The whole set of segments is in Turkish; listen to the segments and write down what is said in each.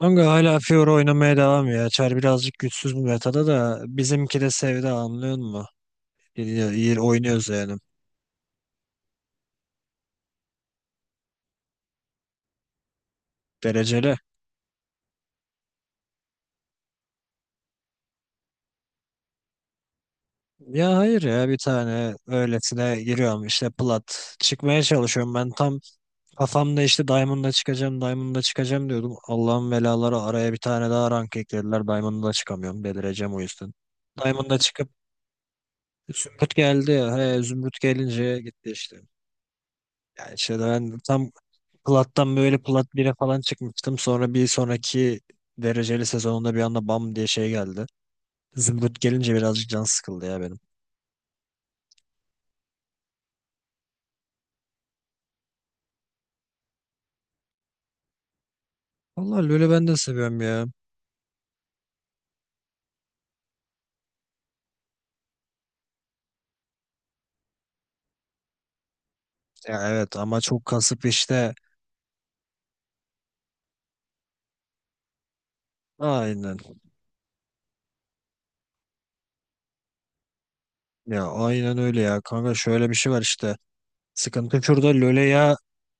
Kanka hala Fiora oynamaya devam ya. Çar birazcık güçsüz bu metada da bizimki de sevdi anlıyor musun? İyi, iyi oynuyoruz yani. Dereceli. Ya hayır ya bir tane öylesine giriyorum işte plat. Çıkmaya çalışıyorum ben tam kafamda işte Diamond'da çıkacağım Diamond'da çıkacağım diyordum. Allah'ın belaları araya bir tane daha rank eklediler. Diamond'da çıkamıyorum delireceğim o yüzden. Diamond'da çıkıp Zümrüt geldi ya. He, Zümrüt gelince gitti işte. Yani işte ben tam Plat'tan böyle Plat 1'e falan çıkmıştım. Sonra bir sonraki dereceli sezonunda bir anda bam diye şey geldi. Zımbırt gelince birazcık can sıkıldı ya benim. Vallahi LoL'ü ben de seviyorum ya. Ya evet ama çok kasıp işte. Aynen. Ya aynen öyle ya. Kanka şöyle bir şey var işte. Sıkıntı şurada LoL'e ya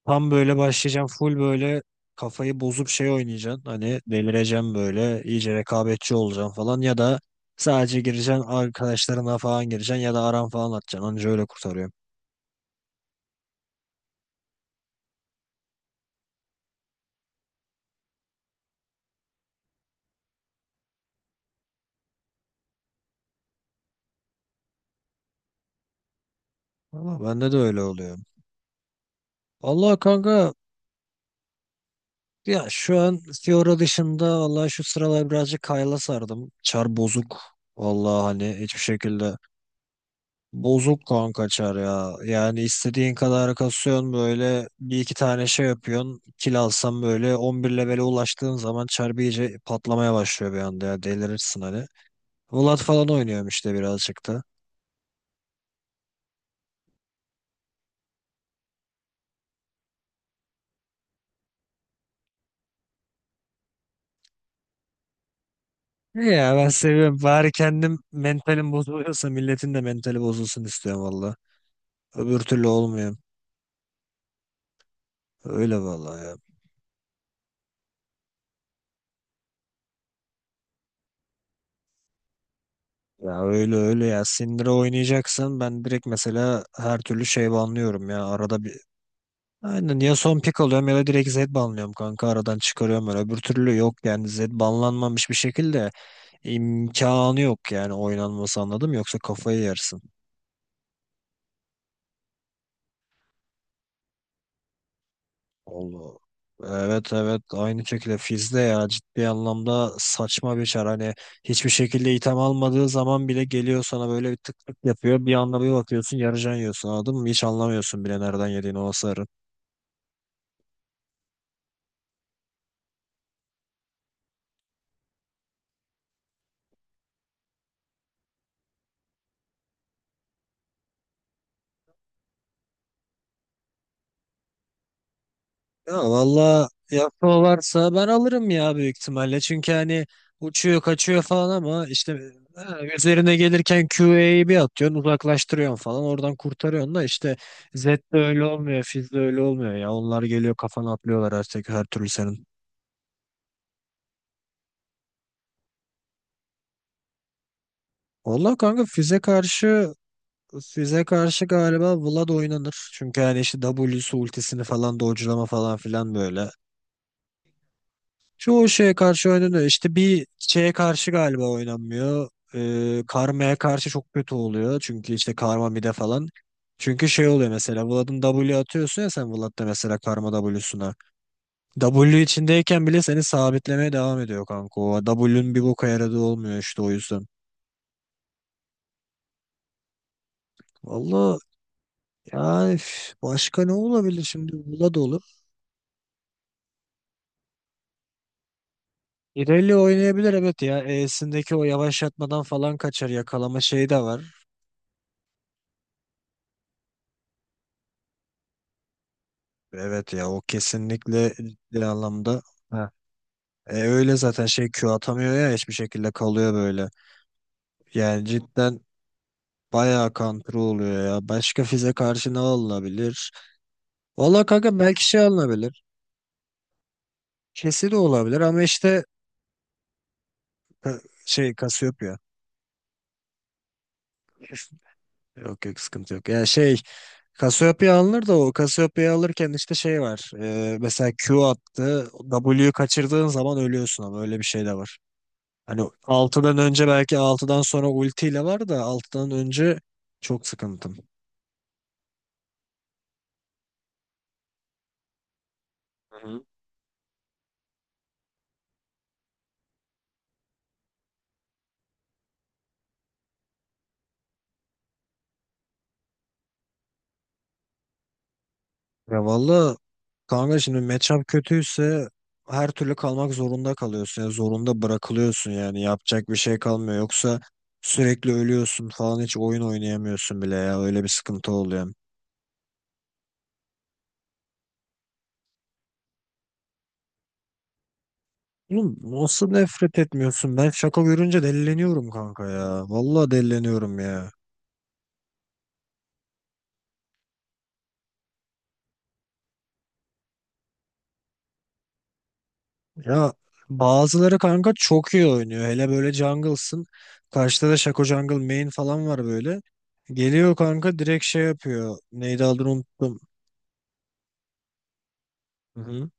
tam böyle başlayacağım full böyle kafayı bozup şey oynayacaksın. Hani delireceğim böyle iyice rekabetçi olacaksın falan ya da sadece gireceksin arkadaşlarına falan gireceksin ya da aran falan atacaksın. Anca öyle kurtarıyor. Valla bende de öyle oluyor. Allah kanka ya şu an Fiora dışında valla şu sıralar birazcık Kayla sardım. Çar bozuk. Valla hani hiçbir şekilde bozuk kanka Çar ya. Yani istediğin kadar kasıyorsun böyle bir iki tane şey yapıyorsun. Kill alsam böyle 11 levele ulaştığın zaman Çar bir iyice patlamaya başlıyor bir anda ya delirirsin hani. Vlad falan oynuyorum işte birazcık da. İyi ya, ben seviyorum. Bari kendim mentalim bozuluyorsa milletin de mentali bozulsun istiyorum valla. Öbür türlü olmuyor. Öyle vallahi ya. Ya öyle öyle ya. Sindire oynayacaksan ben direkt mesela her türlü şey banlıyorum ya. Arada bir. Aynen, ya son pick alıyorum ya da direkt Z banlıyorum kanka aradan çıkarıyorum öyle. Öbür türlü yok yani Z banlanmamış bir şekilde imkanı yok yani oynanması, anladım, yoksa kafayı yersin. Allah. Evet evet, aynı şekilde Fiz'de ya, ciddi anlamda saçma bir çar, hani hiçbir şekilde item almadığı zaman bile geliyor sana böyle bir tık tık yapıyor, bir anda bir bakıyorsun yarıcan yiyorsun, anladın mı, hiç anlamıyorsun bile nereden yediğini o hasarı. Ya valla yapma varsa ben alırım ya, büyük ihtimalle. Çünkü hani uçuyor kaçıyor falan ama işte ha, üzerine gelirken QA'yı bir atıyorsun uzaklaştırıyorsun falan oradan kurtarıyorsun da, işte Z'de öyle olmuyor, Fizz'de öyle olmuyor ya. Onlar geliyor kafana atlıyorlar artık her türlü senin. Valla kanka Fizz'e karşı galiba Vlad oynanır. Çünkü hani işte W'su ultisini falan dodge'lama falan filan böyle. Çoğu şeye karşı oynanıyor. İşte bir şeye karşı galiba oynanmıyor. Karmaya karşı çok kötü oluyor. Çünkü işte karma mide falan. Çünkü şey oluyor mesela Vlad'ın W atıyorsun ya sen Vlad'da mesela karma W'suna. W içindeyken bile seni sabitlemeye devam ediyor kanka. O W'nun bir boka yaradığı olmuyor işte, o yüzden. Valla yani, başka ne olabilir şimdi? Vlad olur. İrelia oynayabilir evet ya. E'sindeki o yavaşlatmadan falan kaçar. Yakalama şeyi de var. Evet ya, o kesinlikle ciddi anlamda. Ha. Öyle zaten, şey Q atamıyor ya hiçbir şekilde, kalıyor böyle. Yani cidden bayağı kontrol oluyor ya. Başka fize karşı ne alınabilir? Valla kanka belki şey alınabilir. Kesi de olabilir, ama işte ha, şey Cassiopeia. Yok yok, sıkıntı yok. Ya şey Cassiopeia alınır da, o Cassiopeia alırken işte şey var. Mesela Q attı. W'yu kaçırdığın zaman ölüyorsun, ama öyle bir şey de var. Hani 6'dan önce, belki 6'dan sonra ultiyle var da, 6'dan önce çok sıkıntım. Hı hı. Ya valla kanka, şimdi matchup kötüyse her türlü kalmak zorunda kalıyorsun. Yani zorunda bırakılıyorsun, yani yapacak bir şey kalmıyor. Yoksa sürekli ölüyorsun falan, hiç oyun oynayamıyorsun bile ya, öyle bir sıkıntı oluyor. Oğlum nasıl nefret etmiyorsun? Ben şaka görünce delileniyorum kanka ya. Valla delileniyorum ya. Ya bazıları kanka çok iyi oynuyor. Hele böyle jungle'sın. Karşıda da Shaco Jungle main falan var böyle. Geliyor kanka direkt şey yapıyor, neydi adını unuttum. Hı hı.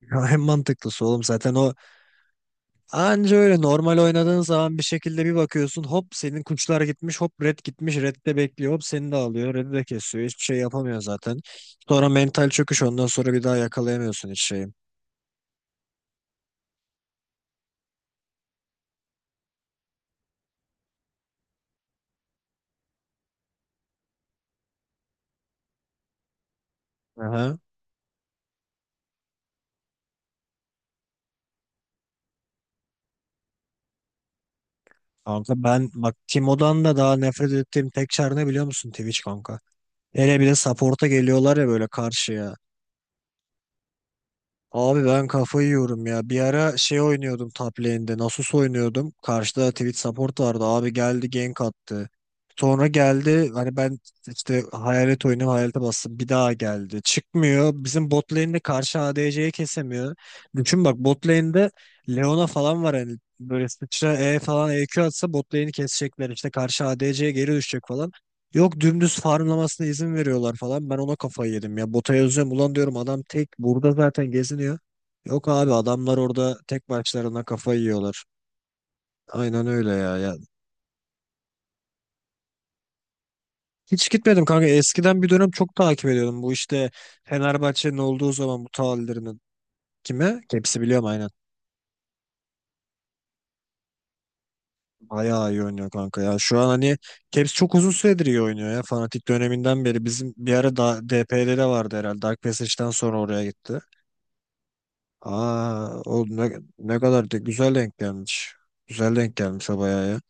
Ya en mantıklısı oğlum zaten o. Anca öyle, normal oynadığın zaman bir şekilde bir bakıyorsun, hop senin kuçlar gitmiş. Hop red gitmiş. Red de bekliyor. Hop seni de alıyor, Red'i de kesiyor. Hiçbir şey yapamıyor zaten. Sonra mental çöküş. Ondan sonra bir daha yakalayamıyorsun hiç şeyi. Aha. Kanka ben bak, Timo'dan da daha nefret ettiğim tek çar ne biliyor musun? Twitch kanka. Hele bir de support'a geliyorlar ya böyle karşıya. Abi ben kafayı yiyorum ya. Bir ara şey oynuyordum, top lane'de. Nasus oynuyordum. Karşıda Twitch support vardı. Abi geldi gank attı. Sonra geldi, hani ben işte hayalet oyunu, hayalete bastım. Bir daha geldi. Çıkmıyor. Bizim bot lane'de karşı ADC'yi kesemiyor. Düşün bak, bot lane'de Leona falan var hani. Böyle sıçra E falan EQ atsa bot lane'i kesecekler. İşte karşı ADC'ye geri düşecek falan. Yok, dümdüz farmlamasına izin veriyorlar falan. Ben ona kafayı yedim ya. Bota yazıyorum. Ulan diyorum adam tek burada zaten geziniyor. Yok abi, adamlar orada tek başlarına kafayı yiyorlar. Aynen öyle ya, ya. Hiç gitmedim kanka. Eskiden bir dönem çok takip ediyordum. Bu işte Fenerbahçe'nin olduğu zaman bu talilerinin, kime? Keps'i biliyorum aynen. Bayağı iyi oynuyor kanka ya. Şu an hani Keps çok uzun süredir iyi oynuyor ya. Fanatik döneminden beri. Bizim bir ara da DP'de de vardı herhalde. Dark Passage'den sonra oraya gitti. Aa, o ne kadar da güzel denk gelmiş. Güzel denk gelmiş o, bayağı ya.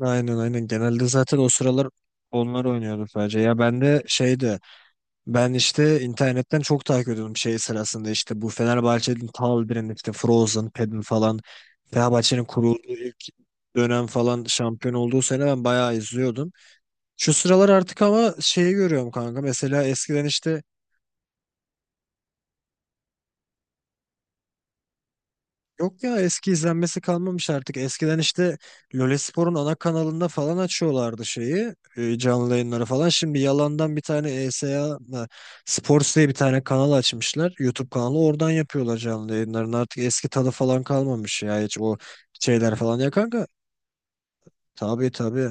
Aynen aynen. Genelde zaten o sıralar onlar oynuyordu sadece. Ya ben de şeydi. Ben işte internetten çok takip ediyordum şey sırasında, işte bu Fenerbahçe'nin Taldir'in işte, Frozen, Pedin falan. Fenerbahçe'nin kurulduğu ilk dönem falan, şampiyon olduğu sene ben bayağı izliyordum. Şu sıralar artık ama şeyi görüyorum kanka. Mesela eskiden işte. Yok ya, eski izlenmesi kalmamış artık. Eskiden işte Lole Spor'un ana kanalında falan açıyorlardı şeyi, canlı yayınları falan. Şimdi yalandan bir tane ESA, S A mı, Sports diye bir tane kanal açmışlar. YouTube kanalı, oradan yapıyorlar canlı yayınlarını. Artık eski tadı falan kalmamış ya, hiç o şeyler falan ya kanka. Tabii tabii.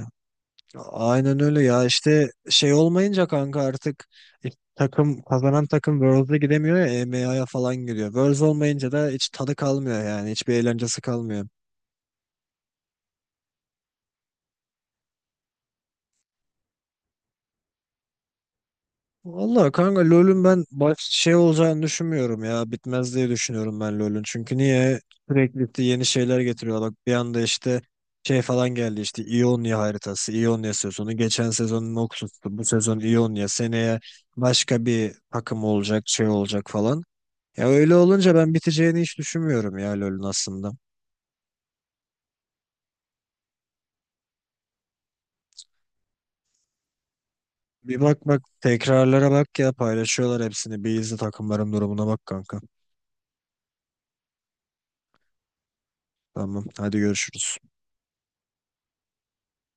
Aynen öyle ya, işte şey olmayınca kanka artık, e, kazanan takım Worlds'e gidemiyor ya, EMEA'ya falan gidiyor. Worlds olmayınca da hiç tadı kalmıyor, yani hiçbir eğlencesi kalmıyor. Vallahi kanka LoL'ün ben baş şey olacağını düşünmüyorum ya. Bitmez diye düşünüyorum ben LoL'ün. Çünkü niye, sürekli işte yeni şeyler getiriyorlar. Bak bir anda işte şey falan geldi işte, Ionia haritası, Ionia sezonu. Geçen sezon Noxus'tu. Bu sezon Ionia. Seneye başka bir takım olacak, şey olacak falan. Ya öyle olunca ben biteceğini hiç düşünmüyorum ya LoL'ün aslında. Bir bak bak tekrarlara bak ya, paylaşıyorlar hepsini. Bir izle takımların durumuna bak kanka. Tamam hadi görüşürüz.